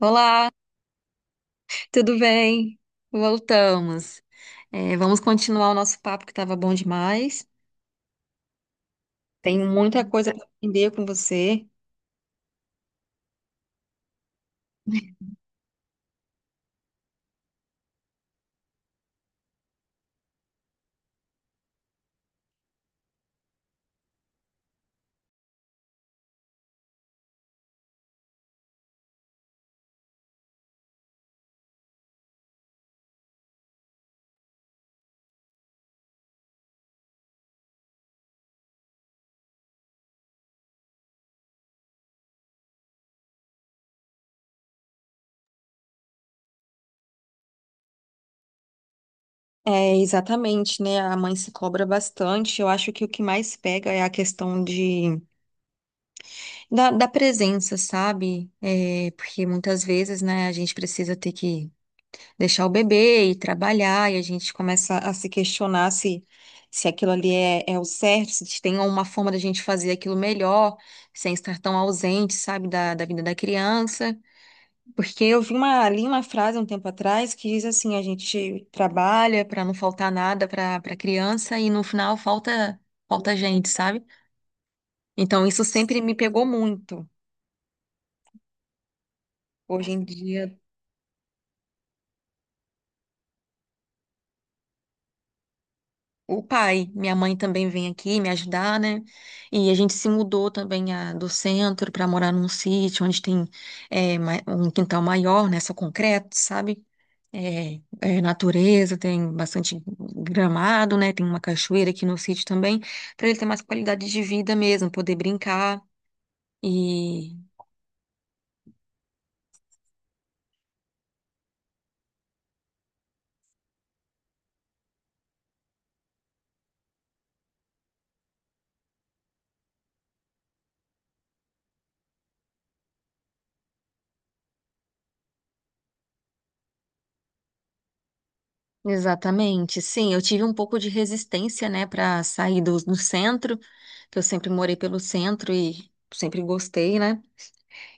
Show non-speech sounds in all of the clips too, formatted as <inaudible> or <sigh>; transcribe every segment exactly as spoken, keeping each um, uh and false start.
Olá, tudo bem? Voltamos. É, vamos continuar o nosso papo que estava bom demais. Tem muita coisa para aprender com você. É, exatamente, né? A mãe se cobra bastante. Eu acho que o que mais pega é a questão de, da, da presença, sabe? É, porque muitas vezes, né, a gente precisa ter que deixar o bebê e trabalhar, e a gente começa a se questionar se, se aquilo ali é, é o certo, se tem uma forma da gente fazer aquilo melhor, sem estar tão ausente, sabe, da, da vida da criança. Porque eu vi uma, li uma frase um tempo atrás que diz assim: a gente trabalha para não faltar nada para para criança e no final falta, falta gente, sabe? Então isso sempre me pegou muito. Hoje em dia o pai. Minha mãe também vem aqui me ajudar, né? E a gente se mudou também ah, do centro para morar num sítio onde tem eh, ma- um quintal maior, né? Só concreto, sabe? É, é natureza, tem bastante gramado, né? Tem uma cachoeira aqui no sítio também, para ele ter mais qualidade de vida mesmo, poder brincar. E exatamente, sim, eu tive um pouco de resistência, né, para sair do, do centro, que eu sempre morei pelo centro e sempre gostei, né?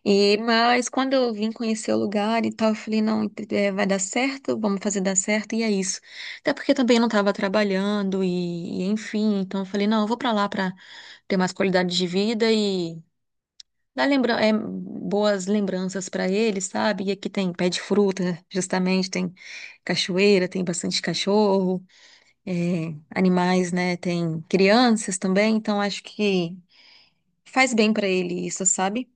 E, mas quando eu vim conhecer o lugar e tal, eu falei, não, é, vai dar certo, vamos fazer dar certo, e é isso. Até porque também eu não estava trabalhando e, e enfim, então eu falei, não, eu vou para lá para ter mais qualidade de vida e dar lembra é, boas lembranças para ele, sabe? E aqui tem pé de fruta, justamente, tem cachoeira, tem bastante cachorro, é, animais, né? Tem crianças também, então acho que faz bem para ele isso, sabe?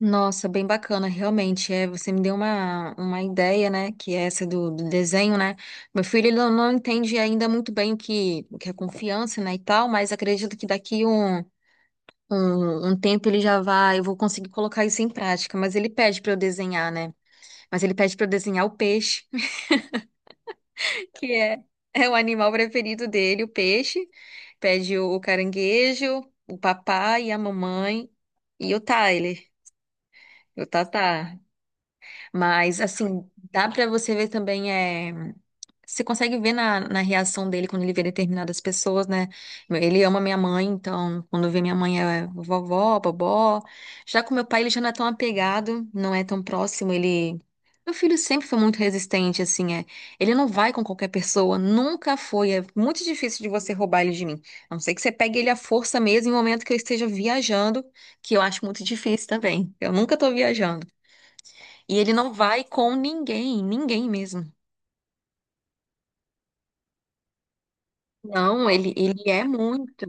Nossa, bem bacana, realmente. É, você me deu uma, uma ideia, né? Que é essa do, do desenho, né? Meu filho ele não, não entende ainda muito bem o que, o que é confiança, né? E tal, mas acredito que daqui um, um, um tempo ele já vai, eu vou conseguir colocar isso em prática. Mas ele pede para eu desenhar, né? Mas ele pede para eu desenhar o peixe, <laughs> que é, é o animal preferido dele, o peixe. Pede o, o caranguejo, o papai e a mamãe e o Tyler. O Tatá. Mas, assim, dá pra você ver também, é... Você consegue ver na, na reação dele quando ele vê determinadas pessoas, né? Ele ama minha mãe, então, quando vê minha mãe é vovó, bobó. Já com meu pai, ele já não é tão apegado, não é tão próximo, ele... Meu filho sempre foi muito resistente, assim, é. Ele não vai com qualquer pessoa, nunca foi. É muito difícil de você roubar ele de mim. A não ser que você pegue ele à força mesmo em um momento que eu esteja viajando, que eu acho muito difícil também. Eu nunca tô viajando. E ele não vai com ninguém, ninguém mesmo. Não, ele, ele é muito.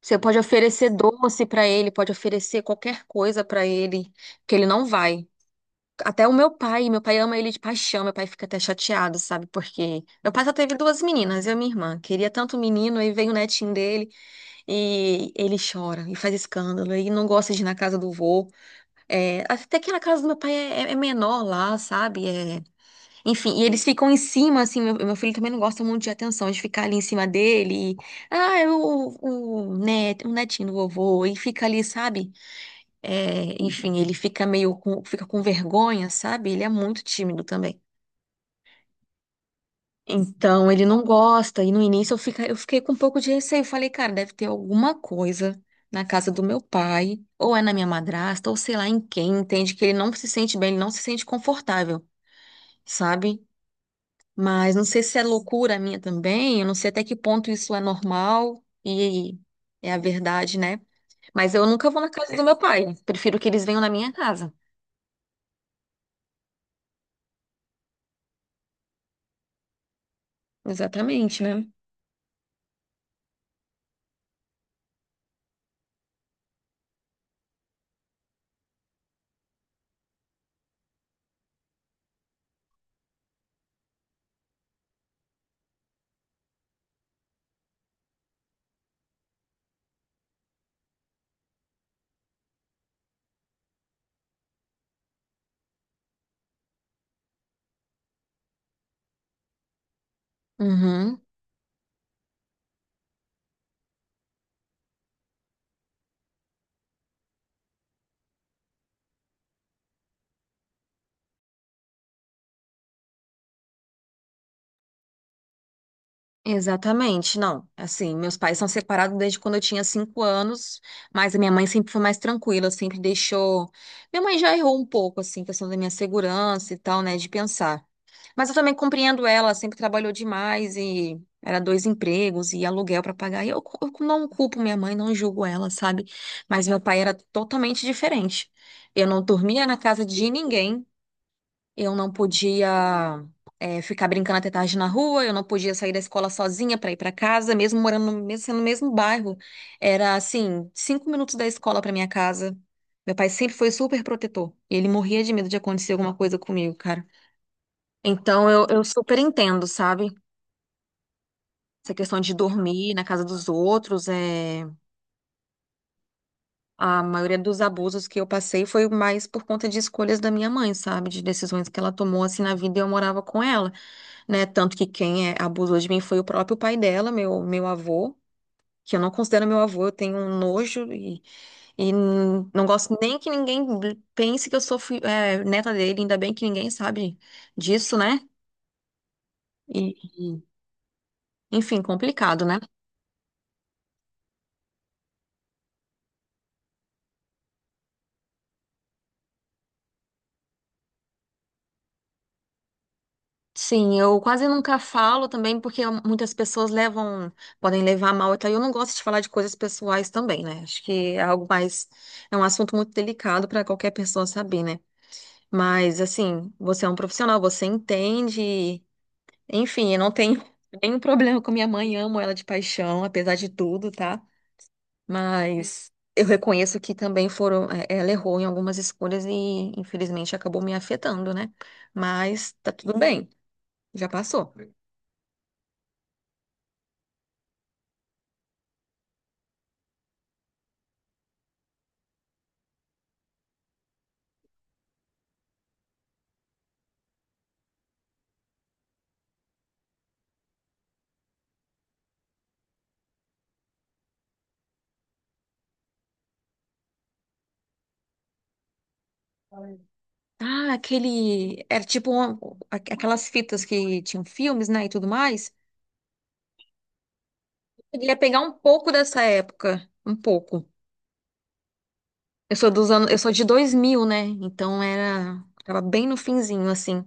Você pode oferecer doce pra ele, pode oferecer qualquer coisa pra ele, que ele não vai. Até o meu pai, meu pai ama ele de paixão, meu pai fica até chateado, sabe? Porque meu pai só teve duas meninas, eu e minha irmã. Queria tanto o menino, aí veio o netinho dele e ele chora e faz escândalo e não gosta de ir na casa do vô. É, até que na casa do meu pai é, é menor lá, sabe? É, Enfim, e eles ficam em cima, assim, meu, meu filho também não gosta muito de atenção, de ficar ali em cima dele, e, ah, é o, o, net, o netinho do vovô, e fica ali, sabe? É, enfim, ele fica meio com, fica com vergonha, sabe? Ele é muito tímido também. Então, ele não gosta, e no início eu, fica, eu fiquei com um pouco de receio, falei, cara, deve ter alguma coisa na casa do meu pai, ou é na minha madrasta, ou sei lá em quem, entende que ele não se sente bem, ele não se sente confortável, sabe? Mas não sei se é loucura minha também, eu não sei até que ponto isso é normal e é a verdade, né? Mas eu nunca vou na casa do meu pai. Prefiro que eles venham na minha casa. Exatamente, né? Uhum, exatamente. Não, assim, meus pais são separados desde quando eu tinha cinco anos, mas a minha mãe sempre foi mais tranquila, sempre deixou. Minha mãe já errou um pouco, assim, questão da minha segurança e tal, né, de pensar. Mas eu também compreendo ela, sempre trabalhou demais e era dois empregos e aluguel para pagar. E eu, cu- eu não culpo minha mãe, não julgo ela, sabe? Mas meu pai era totalmente diferente. Eu não dormia na casa de ninguém, eu não podia eh, ficar brincando até tarde na rua, eu não podia sair da escola sozinha para ir para casa, mesmo morando no, mesmo sendo no mesmo bairro. Era assim, cinco minutos da escola para minha casa. Meu pai sempre foi super protetor. E ele morria de medo de acontecer alguma coisa comigo, cara. Então eu, eu super entendo, sabe? Essa questão de dormir na casa dos outros, é... A maioria dos abusos que eu passei foi mais por conta de escolhas da minha mãe, sabe? De decisões que ela tomou assim na vida e eu morava com ela, né? Tanto que quem é, abusou de mim foi o próprio pai dela, meu, meu avô, que eu não considero meu avô, eu tenho um nojo e, e n- não gosto nem que ninguém pense que eu sou fi- é, neta dele, ainda bem que ninguém sabe disso, né? E, e, enfim, complicado, né? Sim, eu quase nunca falo também, porque muitas pessoas levam, podem levar a mal, e então eu não gosto de falar de coisas pessoais também, né? Acho que é algo mais, é um assunto muito delicado para qualquer pessoa saber, né? Mas assim, você é um profissional, você entende, enfim, eu não tenho <laughs> nenhum problema com minha mãe, amo ela de paixão, apesar de tudo, tá? Mas eu reconheço que também foram, é, ela errou em algumas escolhas e infelizmente acabou me afetando, né? Mas tá tudo bem, já passou. Ah, aquele. Era tipo uma- aqu- aquelas fitas que tinham filmes, né? E tudo mais. Eu ia pegar um pouco dessa época. Um pouco. Eu sou dos anos. Eu sou de dois mil, né? Então era. Tava bem no finzinho, assim.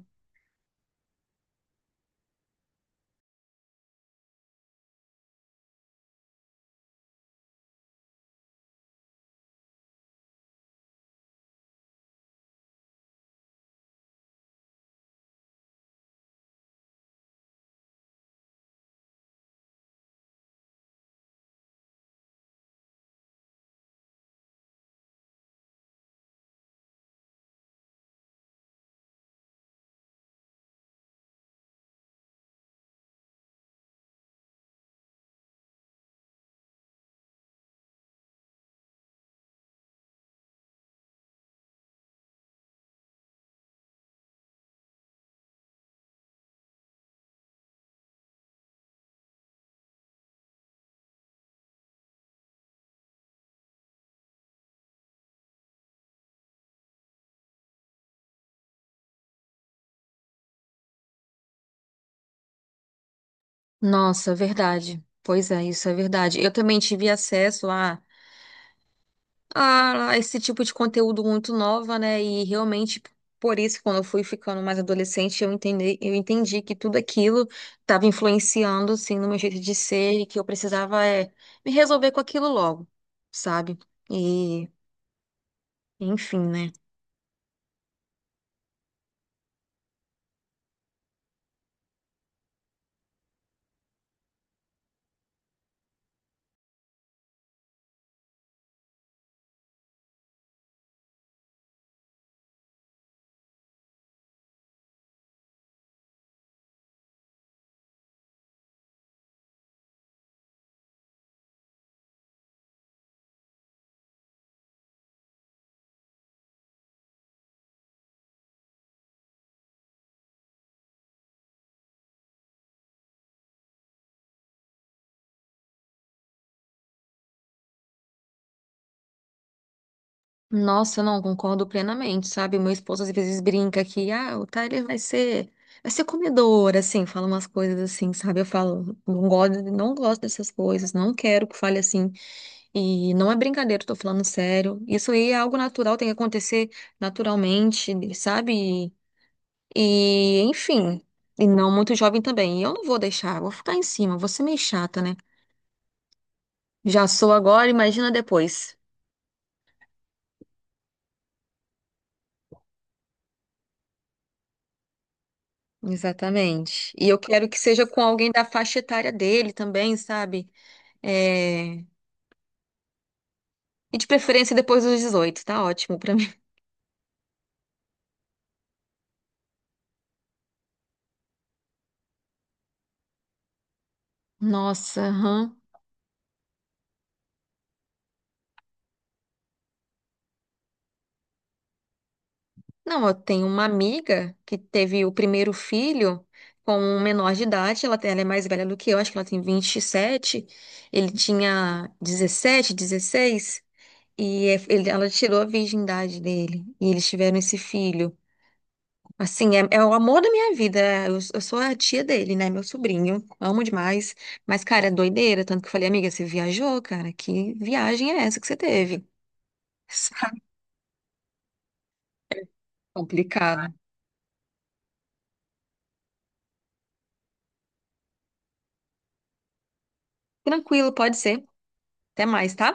Nossa, é verdade. Pois é, isso é verdade. Eu também tive acesso a. a esse tipo de conteúdo muito nova, né? E realmente, por isso, quando eu fui ficando mais adolescente, eu entendi, eu entendi que tudo aquilo estava influenciando, assim, no meu jeito de ser e que eu precisava é, me resolver com aquilo logo, sabe? E, enfim, né? Nossa, não, concordo plenamente, sabe? Meu esposo às vezes brinca que, ah, o Tyler vai ser, vai ser, comedor, assim, fala umas coisas assim, sabe? Eu falo, não gosto, não gosto dessas coisas, não quero que fale assim. E não é brincadeira, eu tô falando sério. Isso aí é algo natural, tem que acontecer naturalmente, sabe? E, enfim, e não muito jovem também. E eu não vou deixar, vou ficar em cima, vou ser meio chata, né? Já sou agora, imagina depois. Exatamente. E eu quero que seja com alguém da faixa etária dele também, sabe? É, E de preferência depois dos dezoito, tá ótimo pra mim. Nossa, aham. Não, eu tenho uma amiga que teve o primeiro filho com um menor de idade, ela, tem- ela é mais velha do que eu, acho que ela tem vinte e sete. Ele tinha dezessete, dezesseis. E é- ele- ela tirou a virgindade dele, e eles tiveram esse filho. Assim, é, é o amor da minha vida, é, eu, eu sou a tia dele, né, meu sobrinho, amo demais, mas, cara, é doideira, tanto que eu falei, amiga, você viajou, cara, que viagem é essa que você teve? <laughs> Sabe? Complicado. Tranquilo, pode ser, até mais, tá?